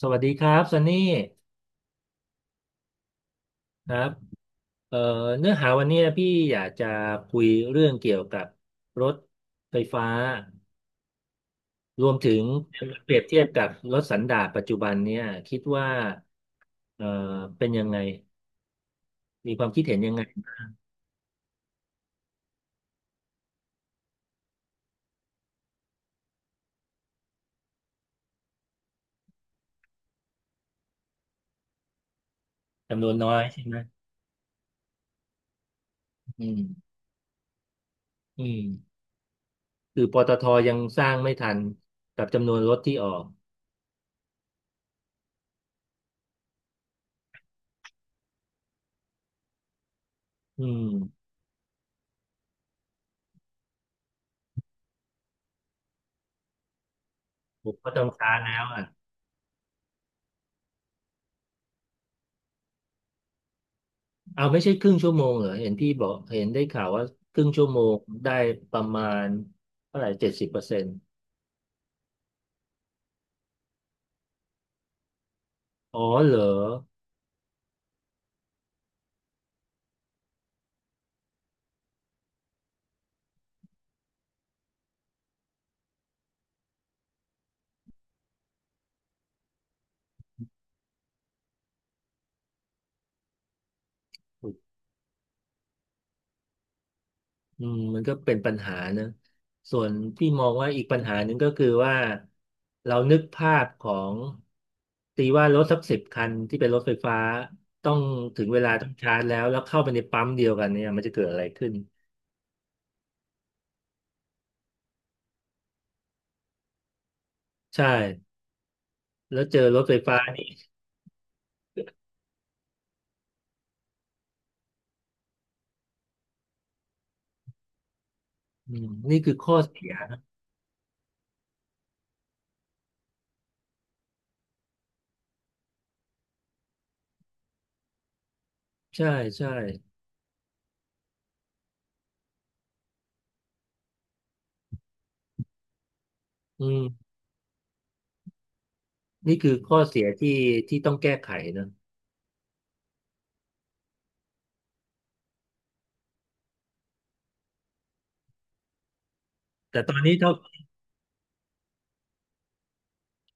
สวัสดีครับซันนี่ครับเอ่อเนื้อหาวันนี้พี่อยากจะคุยเรื่องเกี่ยวกับรถไฟฟ้ารวมถึงเปรียบเทียบกับรถสันดาปปัจจุบันเนี่ยคิดว่าเอ่อเป็นยังไงมีความคิดเห็นยังไงจำนวนน้อยใช่ไหมอืมอืมคือปตทยังสร้างไม่ทันกับจำนวนรถที่ออกอืมผมก็ต้องช้าแล้วอ่ะ เอาไม่ใช่ครึ่งชั่วโมงเหรอเห็นพี่บอกเห็นได้ข่าวว่าครึ่งชั่วโมงได้ประมาณเท่าไหร่70%อ๋อเหรออืมมันก็เป็นปัญหานะส่วนพี่มองว่าอีกปัญหาหนึ่งก็คือว่าเรานึกภาพของตีว่ารถสัก10 คันที่เป็นรถไฟฟ้าต้องถึงเวลาต้องชาร์จแล้วแล้วเข้าไปในปั๊มเดียวกันเนี่ยมันจะเกิดอะไรขึ้นใช่แล้วเจอรถไฟฟ้านี่อืมนี่คือข้อเสียนะใช่ใช่อืม นี่คือข้อเสียที่ที่ต้องแก้ไขนะแต่ตอนนี้เท่า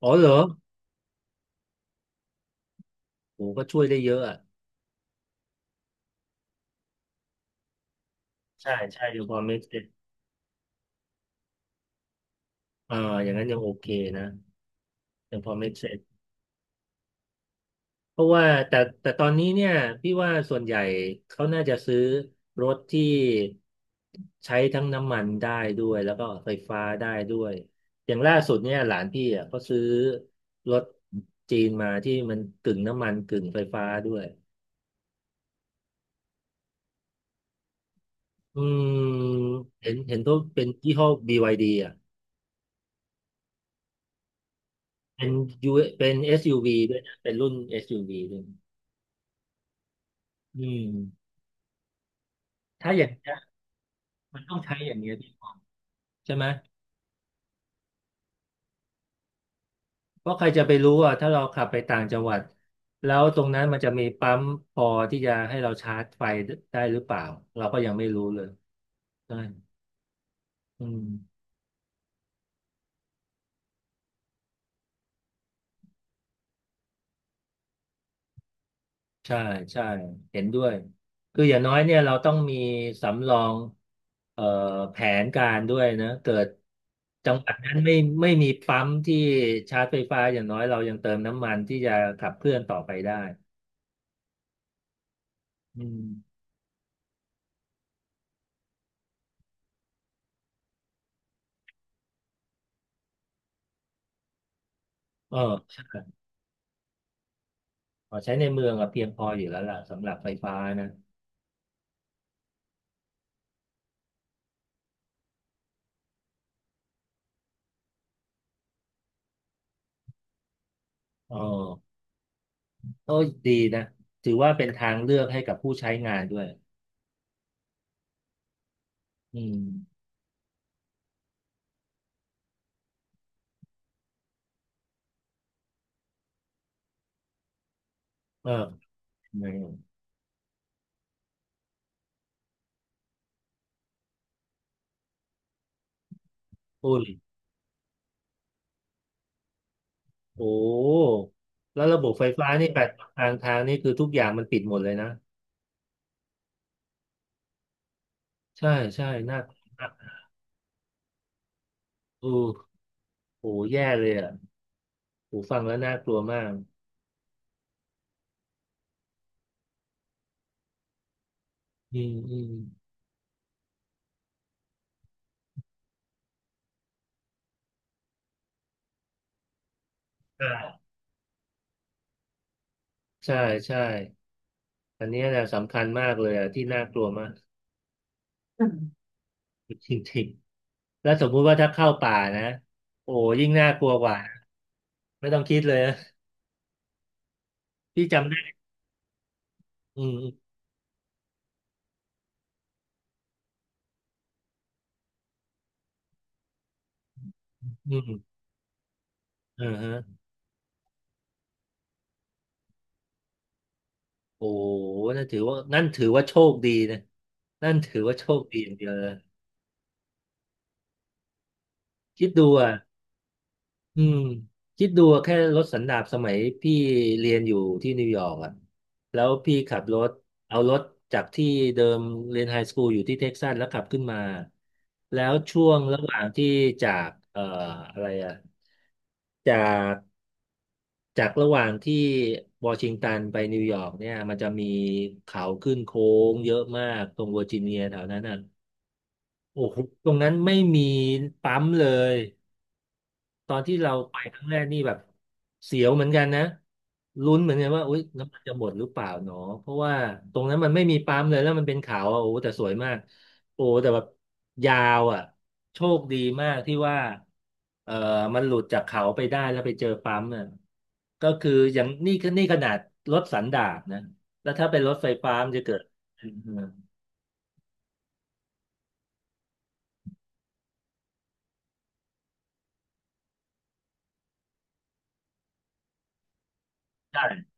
อ๋อเหรอโหก็ช่วยได้เยอะอ่ะใช่ใช่ยังพอเมคเซนอ่าอย่างนั้นยังโอเคนะยังพอเมคเซนเพราะว่าแต่แต่ตอนนี้เนี่ยพี่ว่าส่วนใหญ่เขาน่าจะซื้อรถที่ใช้ทั้งน้ำมันได้ด้วยแล้วก็ไฟฟ้าได้ด้วย อย่างล่าสุดเนี่ยหลานพี่อ่ะเขาซื้อรถจีนมาที่มันกึ่งน้ำมันกึ่งไฟฟ้าด้วย อืมเห็นเห็นตัวเป็นยี่ห้อ BYD อ่ะเป็นยูเป็น SUV ด้วยนะเป็นรุ่น SUV ด้วยอืมถ้าอย่างเะี้ยมันต้องใช้อย่างเงี้ยพี่ปองใช่ไหมเพราะใครจะไปรู้อ่ะถ้าเราขับไปต่างจังหวัดแล้วตรงนั้นมันจะมีปั๊มพอที่จะให้เราชาร์จไฟได้หรือเปล่าเราก็ยังไม่รู้เลยใช่อืม ใช่ใช่เห็นด้วยคืออย่างน้อยเนี่ยเราต้องมีสำรองเอ่อแผนการด้วยนะเกิดจังหวัดนั้นไม่ไม่มีปั๊มที่ชาร์จไฟฟ้าอย่างน้อยเรายังเติมน้ำมันที่จะขับเคลื่อนต่อไปได้อืมเออใช่พอใช้ในเมืองอะเพียงพออยู่แล้วล่ะสำหรับไฟฟ้านะอ๋อโอ้ยดีนะถือว่าเป็นทางเลือกให้กับผู้ใช้งานด้วยอืมเออไงอุ้ย โอ้แล้วระบบไฟฟ้านี่แปดทางทางนี่คือทุกอย่างมันปิดหมดเลยนะใช่ใช่น่ากลัวมากโอ้โหแย่เลยอ่ะโหฟังแล้วน่ากลัวมากอืมอืมใช่ใช่ใช่อันเนี้ยแหละสำคัญมากเลยอ่ะที่น่ากลัวมากจริงๆแล้วสมมุติว่าถ้าเข้าป่านะโอ้ยิ่งน่ากลัวกว่าไม่ต้องคิดเลยนะพี่จำได้อืมอืมอืมอ่าฮะโอ้นั่นถือว่านั่นถือว่าโชคดีนะนั่นถือว่าโชคดีอย่างเดียวเลย คิดดูอ่ะอืมคิดดูอะแค่รถสันดาปสมัยพี่เรียนอยู่ที่นิวยอร์กอ่ะแล้วพี่ขับรถเอารถจากที่เดิมเรียนไฮสคูลอยู่ที่เท็กซัสแล้วขับขึ้นมาแล้วช่วงระหว่างที่จากอะไรอ่ะจากจากระหว่างที่วอชิงตันไปนิวยอร์กเนี่ยมันจะมีเขาขึ้นโค้งเยอะมากตรงเวอร์จิเนียแถวนั้นน่ะโอ้โหตรงนั้นไม่มีปั๊มเลย ตอนที่เราไปครั้งแรกนี่แบบเสียวเหมือนกันนะลุ้นเหมือนกันว่าอุ๊ยน้ำมันจะหมดหรือเปล่าเนาะเพราะว่าตรงนั้นมันไม่มีปั๊มเลยแล้วมันเป็นเขาอ่ะโอ้แต่สวยมากโอ้แต่แบบยาวอ่ะโชคดีมากที่ว่าเออมันหลุดจากเขาไปได้แล้วไปเจอปั๊มอ่ะก็คืออย่างนี่นี่ขนาดรถสันดาปนะแล้วถ้าเป็นรถไฟฟ้ามันจะเกิดอืมใช่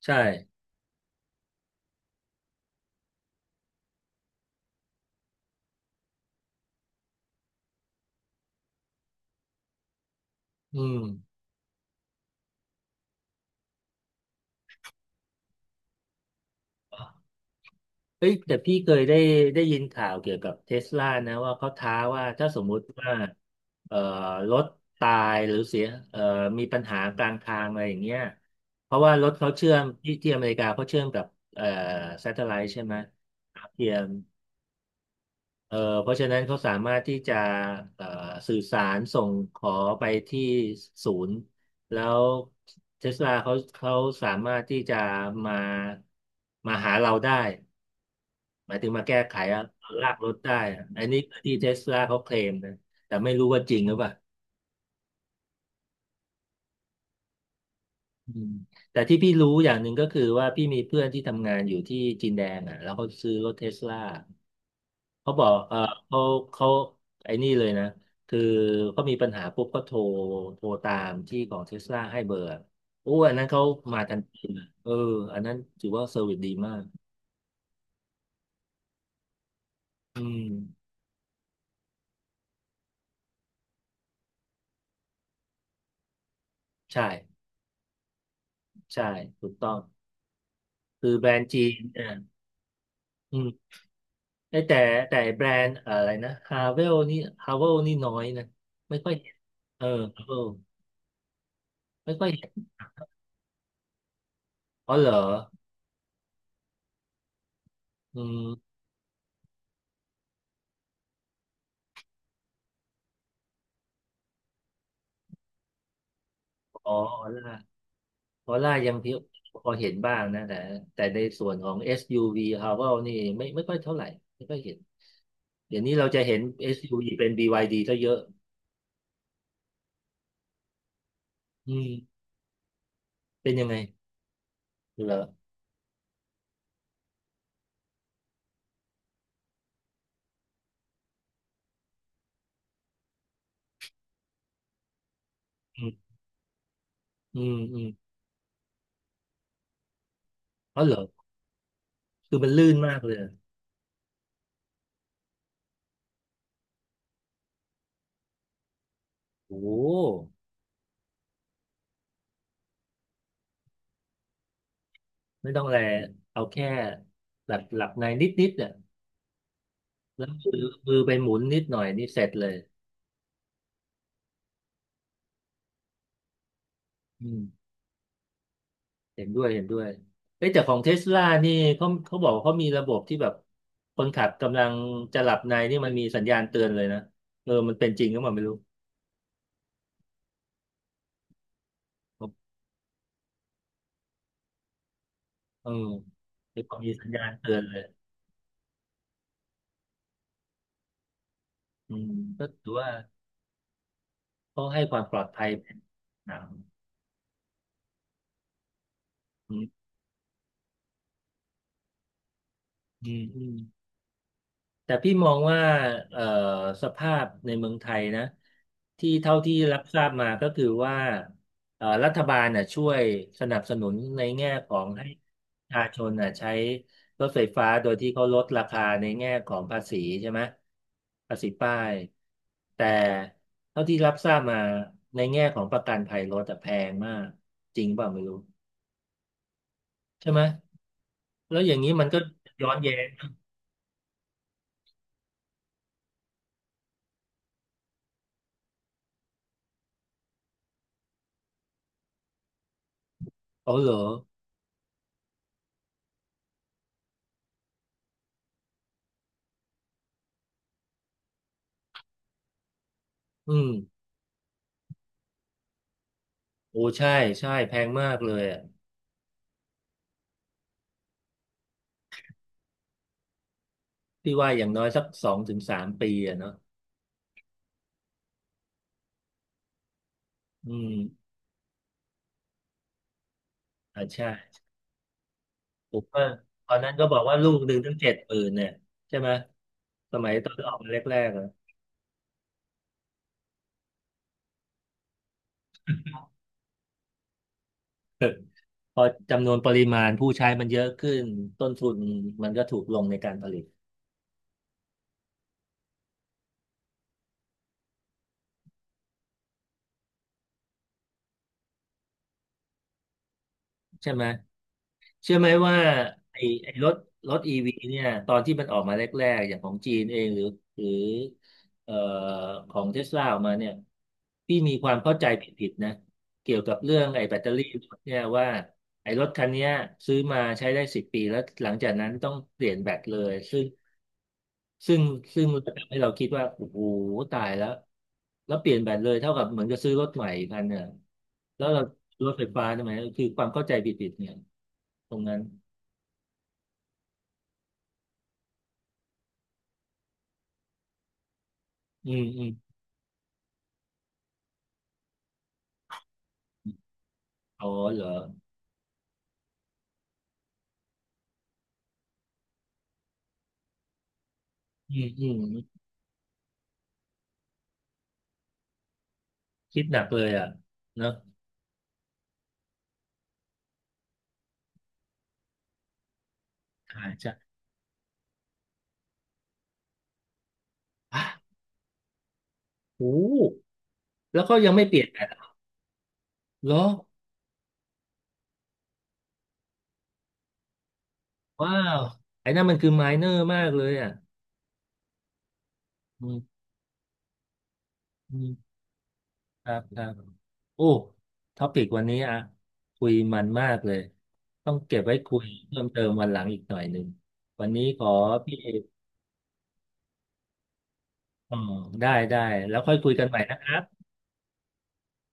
ใช่อืม เอ้ยแต่พี่เคยได้ได้ยินข่าวเกี่ยวกับเทสลานะว่าเขาท้าว่าถ้าสมมุติว่าเอ่อรถตายหรือเสียเอ่อมีปัญหากลางทางอะไรอย่างเงี้ยเพราะว่ารถเขาเชื่อมที่ที่อเมริกาเขาเชื่อมกับเอ่อ s a t เทอร์ไลท์ใช่ไหมดาวเทียม เอ่อเพราะฉะนั้นเขาสามารถที่จะเอ่อสื่อสารส่งขอไปที่ศูนย์แล้วเทสลาเขาเขาสามารถที่จะมามาหาเราได้หมายถึงมาแก้ไขอะลากรถได้อะอันนี้ที่เทสลาเขาเคลมนะแต่ไม่รู้ว่าจริงหรือเปล่าอืมแต่ที่พี่รู้อย่างหนึ่งก็คือว่าพี่มีเพื่อนที่ทำงานอยู่ที่จีนแดงอ่ะแล้วเขาซื้อรถเทสลา เขาบอกเออเขาเขาไอ้นี่เลยนะ คือเขามีปัญหาปุ๊บก็โทรตามที่ของเทสลาให้เบอร์โอ้อันนั้นเขามาทันทีเลยเอออันนั้นถือว่าเซอร์วิสดีมากอืมใช่ใช่ถูกต้อง คือแบรนด์จีนอ่ะอืมไอ้แต่แบรนด์อะไรนะฮาเวลนี่น้อยนะ ไม่ค่อยเห็นเออฮาเวลไม่ค่อยเห็นอ๋อเหรออืมอ๋อออล่า คอล่ายังพพอเห็นบ้างนะแต่แต่ในส่วนของ SUV ฮาวเอสยูว Haval นี่ไม่ค่อยเท่าไหร่ไม่ค่อยเห็นเดี๋ยวนี้เราจะเห็น SUV เป็น BYD ซะเยอะอืมเป็นยังไงเหรออืมอืมอืมอ๋อเหรอคือมันลื่นมากเลยอะโอ้โหไม่ต้องแลเอาแค่หลับหลับในนิดนิดเนี่ยแล้วมือไปหมุนนิดหน่อยนี่เสร็จเลยอืม เห็นด้วยเห็นด้วยเอ้ยแต่ของเทสลานี่เขาเขาบอกว่าเขามีระบบที่แบบคนขับกำลังจะหลับในนี่มันมีสัญญาณเตือนเลยนะเออมันเป็นจริงหรือเปล่าไม่รู้เออเดี๋ยวพอมีสัญญาณเตือนเลยอืมก็ถือว่าเขาให้ความปลอดภัยเป็นหนังอืมอืม แต่พี่มองว่าเอ่อสภาพในเมืองไทยนะที่เท่าที่รับทราบมาก็คือว่ารัฐบาลน่ะช่วยสนับสนุนในแง่ของให้ประชาชนน่ะใช้รถไฟฟ้าโดยที่เขาลดราคาในแง่ของภาษีใช่ไหมภาษีป้ายแต่เท่าที่รับทราบมาในแง่ของประกันภัยรถอะแพงมากจริงเปล่าไม่รู้ใช่ไหมแล้วอย่างนี้มันก็ย้อนแย้งอ๋อเหรออืม โอ้ใช่ใช่แพงมากเลยอ่ะพี่ว่าอย่างน้อยสักสองถึงสามปีอ่ะเนาะอืมอ่าใช่ผมว่าตอนนั้นก็บอกว่าลูกหนึ่งตั้งเจ็ดหมื่นเนี่ยใช่ไหมสมัยตอนออกมาแรกๆอ่ะพอจำนวนปริมาณผู้ใช้มันเยอะขึ้นต้นทุนมันก็ถูกลงในการผลิตใช่ไหม เชื่อไหมว่าไอ้รถรถอีวีเนี่ยตอนที่มันออกมาแรกๆอย่างของจีนเองหรือหรือเอ่อของเทสลาออกมาเนี่ยพี่มีความเข้าใจผิดๆนะเกี่ยวกับเรื่องไอ้แบตเตอรี่รถเนี่ยว่าไอ้รถคันเนี้ยซื้อมาใช้ได้สิบปีแล้วหลังจากนั้นต้องเปลี่ยนแบตเลยซึ่งซึ่งทำให้เราคิดว่าโอ้โหตายแล้วแล้วเปลี่ยนแบตเลยเท่ากับเหมือนกับซื้อรถใหม่อีกคันเนี่ยแล้วเรารถไฟฟ้าทำไมคือความเข้าใจผิดๆเนี่ยตรงนั้น อืมอืมอ๋อเหรออืมอืมคิดหนักเลยอ่ะเนอะอาจจะอ่ะโอ้แล้วก็ยังไม่เปลี่ยนแปลงเหรอว้าวไอ้นั่นมันคือไมเนอร์มากเลยอ่ะอืมอืมครับครับโอ้ท็อปิกวันนี้อ่ะคุยมันมากเลยต้องเก็บไว้คุยเพิ่มเติมวันหลังอีกหน่อยหนึ่งวันนี้ขอพี่เอกอ๋อได้ได้แล้วค่อยคุยกันใหม่นะครับ